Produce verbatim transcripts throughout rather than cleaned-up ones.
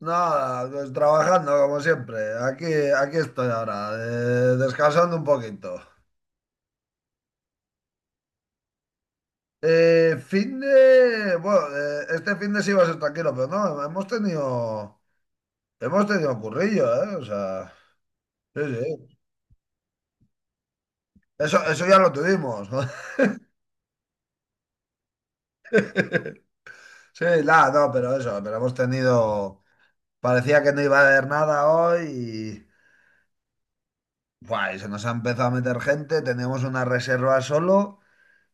Nada, pues trabajando como siempre. Aquí, aquí estoy ahora, eh, descansando un poquito. Eh, fin de... Bueno, eh, este fin de sí iba a ser tranquilo, pero no, hemos tenido... Hemos tenido currillo, ¿eh? O sea... Sí, sí. Eso, eso ya lo tuvimos. Sí, nada, no, pero eso, pero hemos tenido... Parecía que no iba a haber nada hoy y buah, y se nos ha empezado a meter gente, teníamos una reserva solo.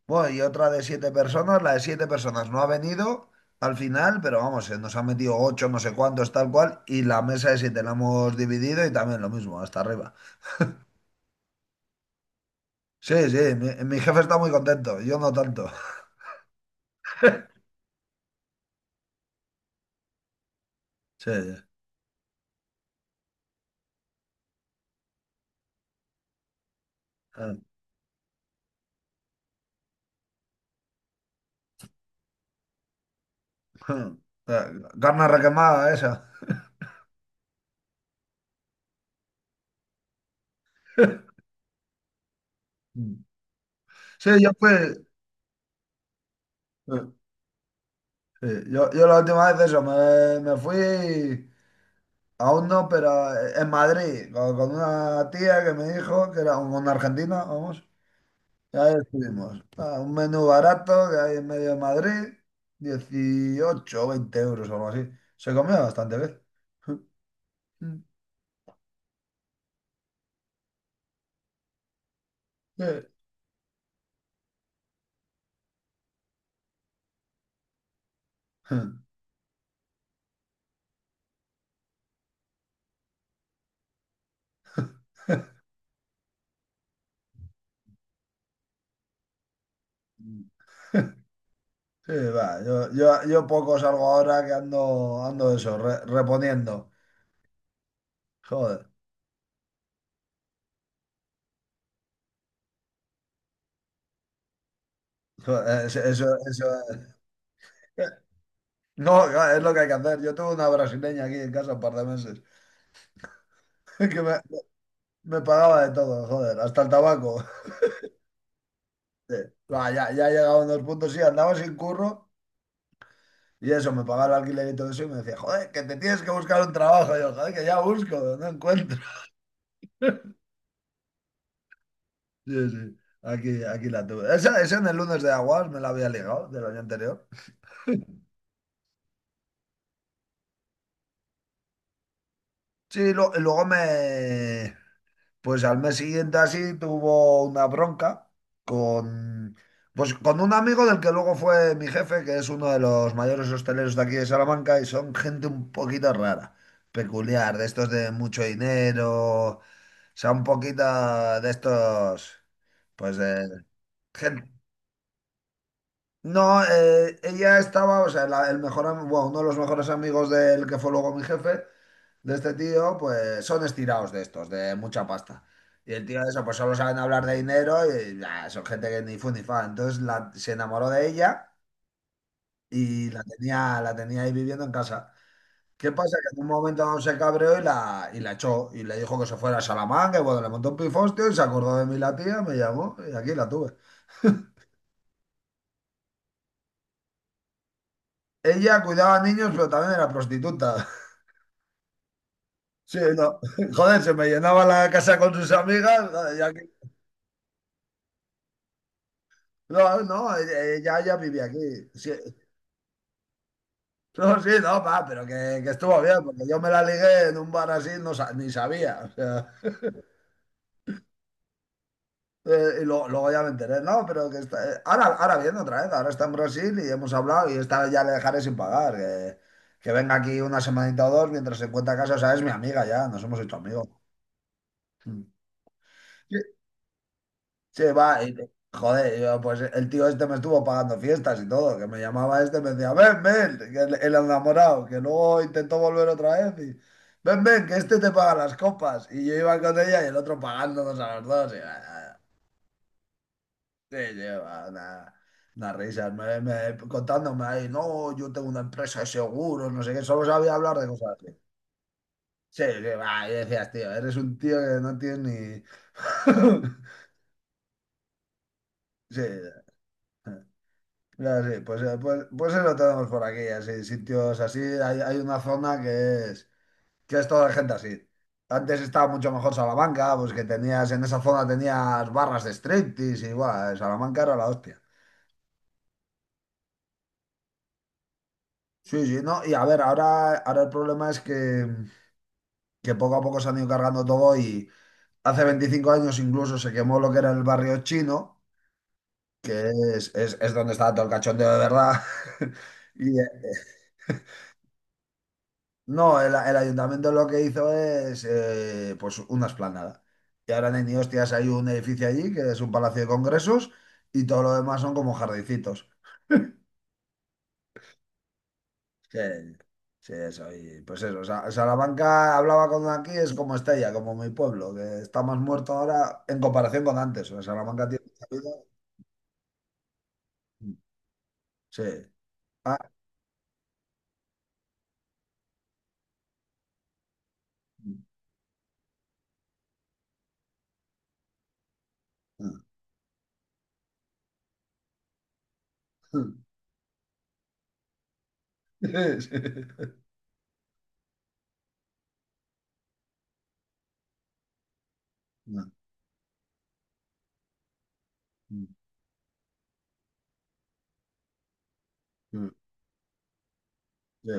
Bueno, y otra de siete personas, la de siete personas no ha venido al final, pero vamos, se nos han metido ocho, no sé cuántos, tal cual, y la mesa de siete la hemos dividido y también lo mismo, hasta arriba. Sí, sí, mi, mi jefe está muy contento, yo no tanto. Sí, sí. Eh, eh, carne requemada esa. Sí, yo fui. Sí, yo, yo, la última vez eso, me, me fui, aún no, pero eh, en Madrid, con, con una tía que me dijo que era una argentina, vamos. Ya estuvimos. Ah, un menú barato que hay en medio de Madrid, dieciocho o veinte euros o algo así. Se comía bastante bien. Sí, Sí, va, yo, yo, yo, poco salgo ahora que ando, ando eso, re- reponiendo. Joder, joder, eh, eso, eso, eso- No, claro, es lo que hay que hacer. Yo tuve una brasileña aquí en casa un par de meses que me, me pagaba de todo, joder, hasta el tabaco. Sí. Va, ya, ya he llegado a unos puntos, sí, andaba sin curro. Y eso, me pagaba el alquiler y todo eso y me decía, joder, que te tienes que buscar un trabajo. Y yo, joder, que ya busco, no encuentro. Sí, sí, aquí, aquí la tuve. Esa, esa en el lunes de Aguas me la había ligado del año anterior. Sí, lo- y luego me... Pues al mes siguiente así tuvo una bronca con, pues con un amigo del que luego fue mi jefe, que es uno de los mayores hosteleros de aquí de Salamanca y son gente un poquito rara, peculiar, de estos de mucho dinero, o sea, un poquito de estos, pues de gente. No, eh, ella estaba, o sea, la- el mejor, am- bueno, uno de los mejores amigos del que fue luego mi jefe de este tío, pues son estirados de estos, de mucha pasta. Y el tío de eso, pues solo saben hablar de dinero y ah, son gente que ni fu ni fa. Entonces la- se enamoró de ella y la tenía, la tenía ahí viviendo en casa. ¿Qué pasa? Que en un momento dado se cabreó y la, y la echó y le dijo que se fuera a Salamanca y bueno, le montó un pifostio y se acordó de mí la tía, me llamó y aquí la tuve. Ella cuidaba a niños, pero también era prostituta. Sí, no. Joder, se me llenaba la casa con sus amigas. Joder, y aquí- No, no, ella, ella vivía aquí. Sí, no, sí, no, pa, pero que, que, estuvo bien, porque yo me la ligué en un bar así, no sa- ni sabía. O sea, eh, y lo- luego ya me enteré, no, pero que está, eh, ahora, ahora viendo otra vez, ahora está en Brasil y hemos hablado y esta vez ya le dejaré sin pagar. Que, que venga aquí una semanita o dos mientras se encuentra casa, o sea, es mi amiga ya, nos hemos hecho amigos. Mm. Che, va, y- joder, y yo, pues el tío este me estuvo pagando fiestas y todo, que me llamaba este, me decía, ven, ven, que el, el enamorado, que luego intentó volver otra vez y, ven, ven, que este te paga las copas. Y yo iba con ella y el otro pagándonos a los dos. Y, ah, sí, sí, una, unas risas, me, me- contándome ahí, no, yo tengo una empresa de seguros, no sé qué, solo sabía hablar de cosas así. Sí, sí, va, y decías, tío, eres un tío que no tienes ni... Sí, ya, sí, pues, eh, pues, pues eso tenemos por aquí, así, sitios así. Hay, hay una zona que es, que es, toda gente así. Antes estaba mucho mejor Salamanca, pues que tenías, en esa zona tenías barras de striptease y guau, Salamanca era la hostia. Sí, sí, no, y a ver, ahora, ahora, el problema es que, que poco a poco se han ido cargando todo y hace veinticinco años incluso se quemó lo que era el barrio chino, que es, es, es donde estaba todo el cachondeo de verdad. No, el, el ayuntamiento lo que hizo es eh, pues una esplanada. Y ahora en Eniostias hay un edificio allí que es un palacio de congresos y todo lo demás son como jardincitos. Sí, sí, eso. Y pues eso, Sa- Salamanca hablaba con aquí, es como Estella, como mi pueblo, que está más muerto ahora en comparación con antes. O sea, Salamanca tiene mucha vida. Sí. Ah. Sí. Sí. Mm, mm, mm, mm. Sí.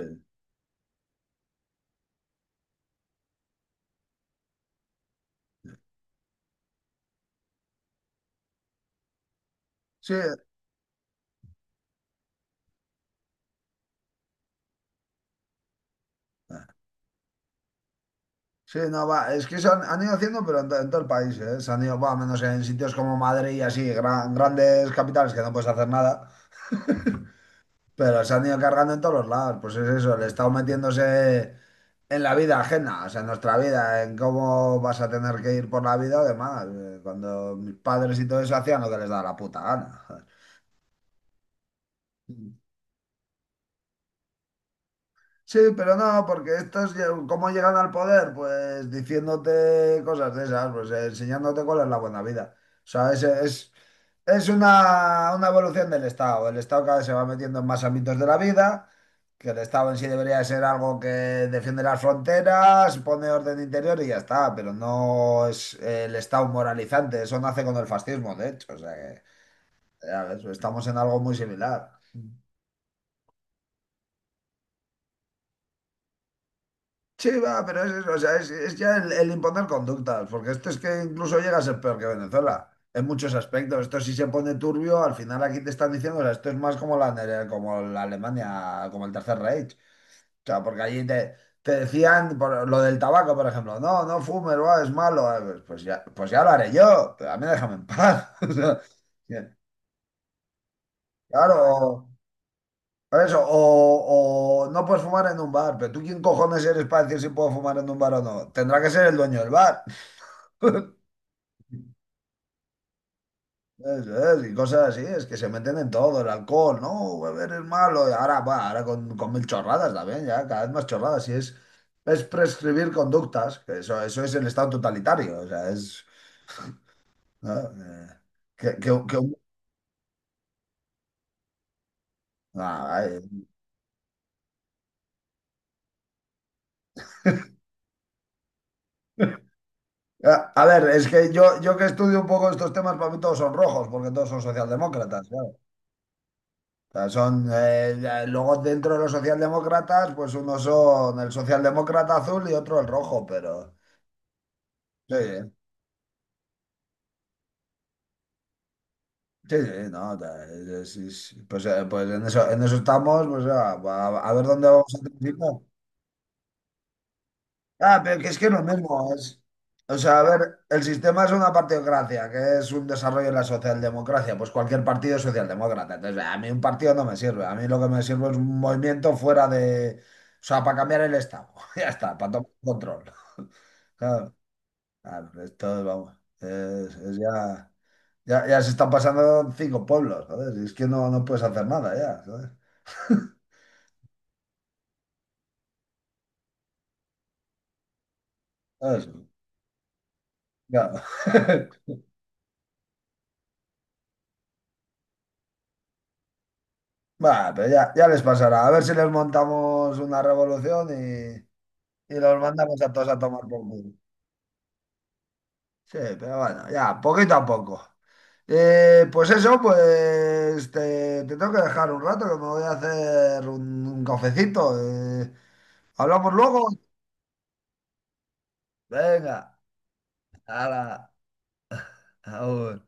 Sí. Sí, no, va, es que se han, han ido haciendo, pero en, to- en todo el país, ¿eh? Se han ido, va, menos en sitios como Madrid y así, gran- grandes capitales que no puedes hacer nada, pero se han ido cargando en todos los lados. Pues es eso, el Estado metiéndose en la vida ajena, o sea, en nuestra vida, en cómo vas a tener que ir por la vida o demás. eh, Cuando mis padres y todo eso hacían lo que les daba la puta gana. Sí, pero no, porque estos, lle- ¿cómo llegan al poder? Pues diciéndote cosas de esas, pues eh, enseñándote cuál es la buena vida. O sea, es, es, es una, una evolución del Estado. El Estado cada vez se va metiendo en más ámbitos de la vida, que el Estado en sí debería ser algo que defiende las fronteras, pone orden interior y ya está, pero no es eh, el Estado moralizante. Eso nace con el fascismo, de hecho. O sea que, ya ves, estamos en algo muy similar. Sí, va, pero es, es- o sea, es, es ya el, el imponer conductas, porque esto es que incluso llega a ser peor que Venezuela en muchos aspectos. Esto sí se pone turbio, al final aquí te están diciendo, o sea, esto es más como la, nere- como la Alemania, como el Tercer Reich. O sea, porque allí te, te decían por lo del tabaco, por ejemplo, no, no fumes, buah, es malo. Ah, Pues, pues ya, pues ya lo haré yo, pero a mí déjame en paz. O sea, que- claro, o- por eso, o, o no puedes fumar en un bar, pero tú quién cojones eres para decir si puedo fumar en un bar o no. Tendrá que ser el dueño del bar. Eso es, y cosas así, es que se meten en todo, el alcohol, no, beber es malo, y ahora, va, ahora con, con mil chorradas también, ya, cada vez más chorradas, y es, es prescribir conductas, que eso, eso es el estado totalitario, o sea, es... ¿no? Eh, que, que- que un- ah, ay. Ah, a ver, es que yo, yo, que estudio un poco estos temas, para mí todos son rojos, porque todos son socialdemócratas, claro. O sea, son, eh, eh, luego dentro de los socialdemócratas, pues unos son el socialdemócrata azul y otro el rojo, pero... Sí, sí, sí, no, ta- es- es- pues, eh, pues en eso, en eso estamos, pues ah, a, a ver dónde vamos a terminar. Ah, pero que es que es lo mismo, es, o sea, a ver, el sistema es una partidocracia, que es un desarrollo de la socialdemocracia, pues cualquier partido es socialdemócrata, entonces a mí un partido no me sirve, a mí lo que me sirve es un movimiento fuera de, o sea, para cambiar el estado, ya está, para tomar control. Claro, claro, esto, vamos, es es ya... Ya, ya se están pasando cinco pueblos, joder. Y es que no, no puedes hacer nada ya, ¿sabes? ¿Sabes? Claro. Bueno, pero ya, ya les pasará. A ver si les montamos una revolución y, y los mandamos a todos a tomar por culo. Sí, pero bueno, ya, poquito a poco. Eh, pues eso, pues te, te tengo que dejar un rato que me voy a hacer un, un cafecito. eh. ¿Hablamos luego? Venga, hala, aún.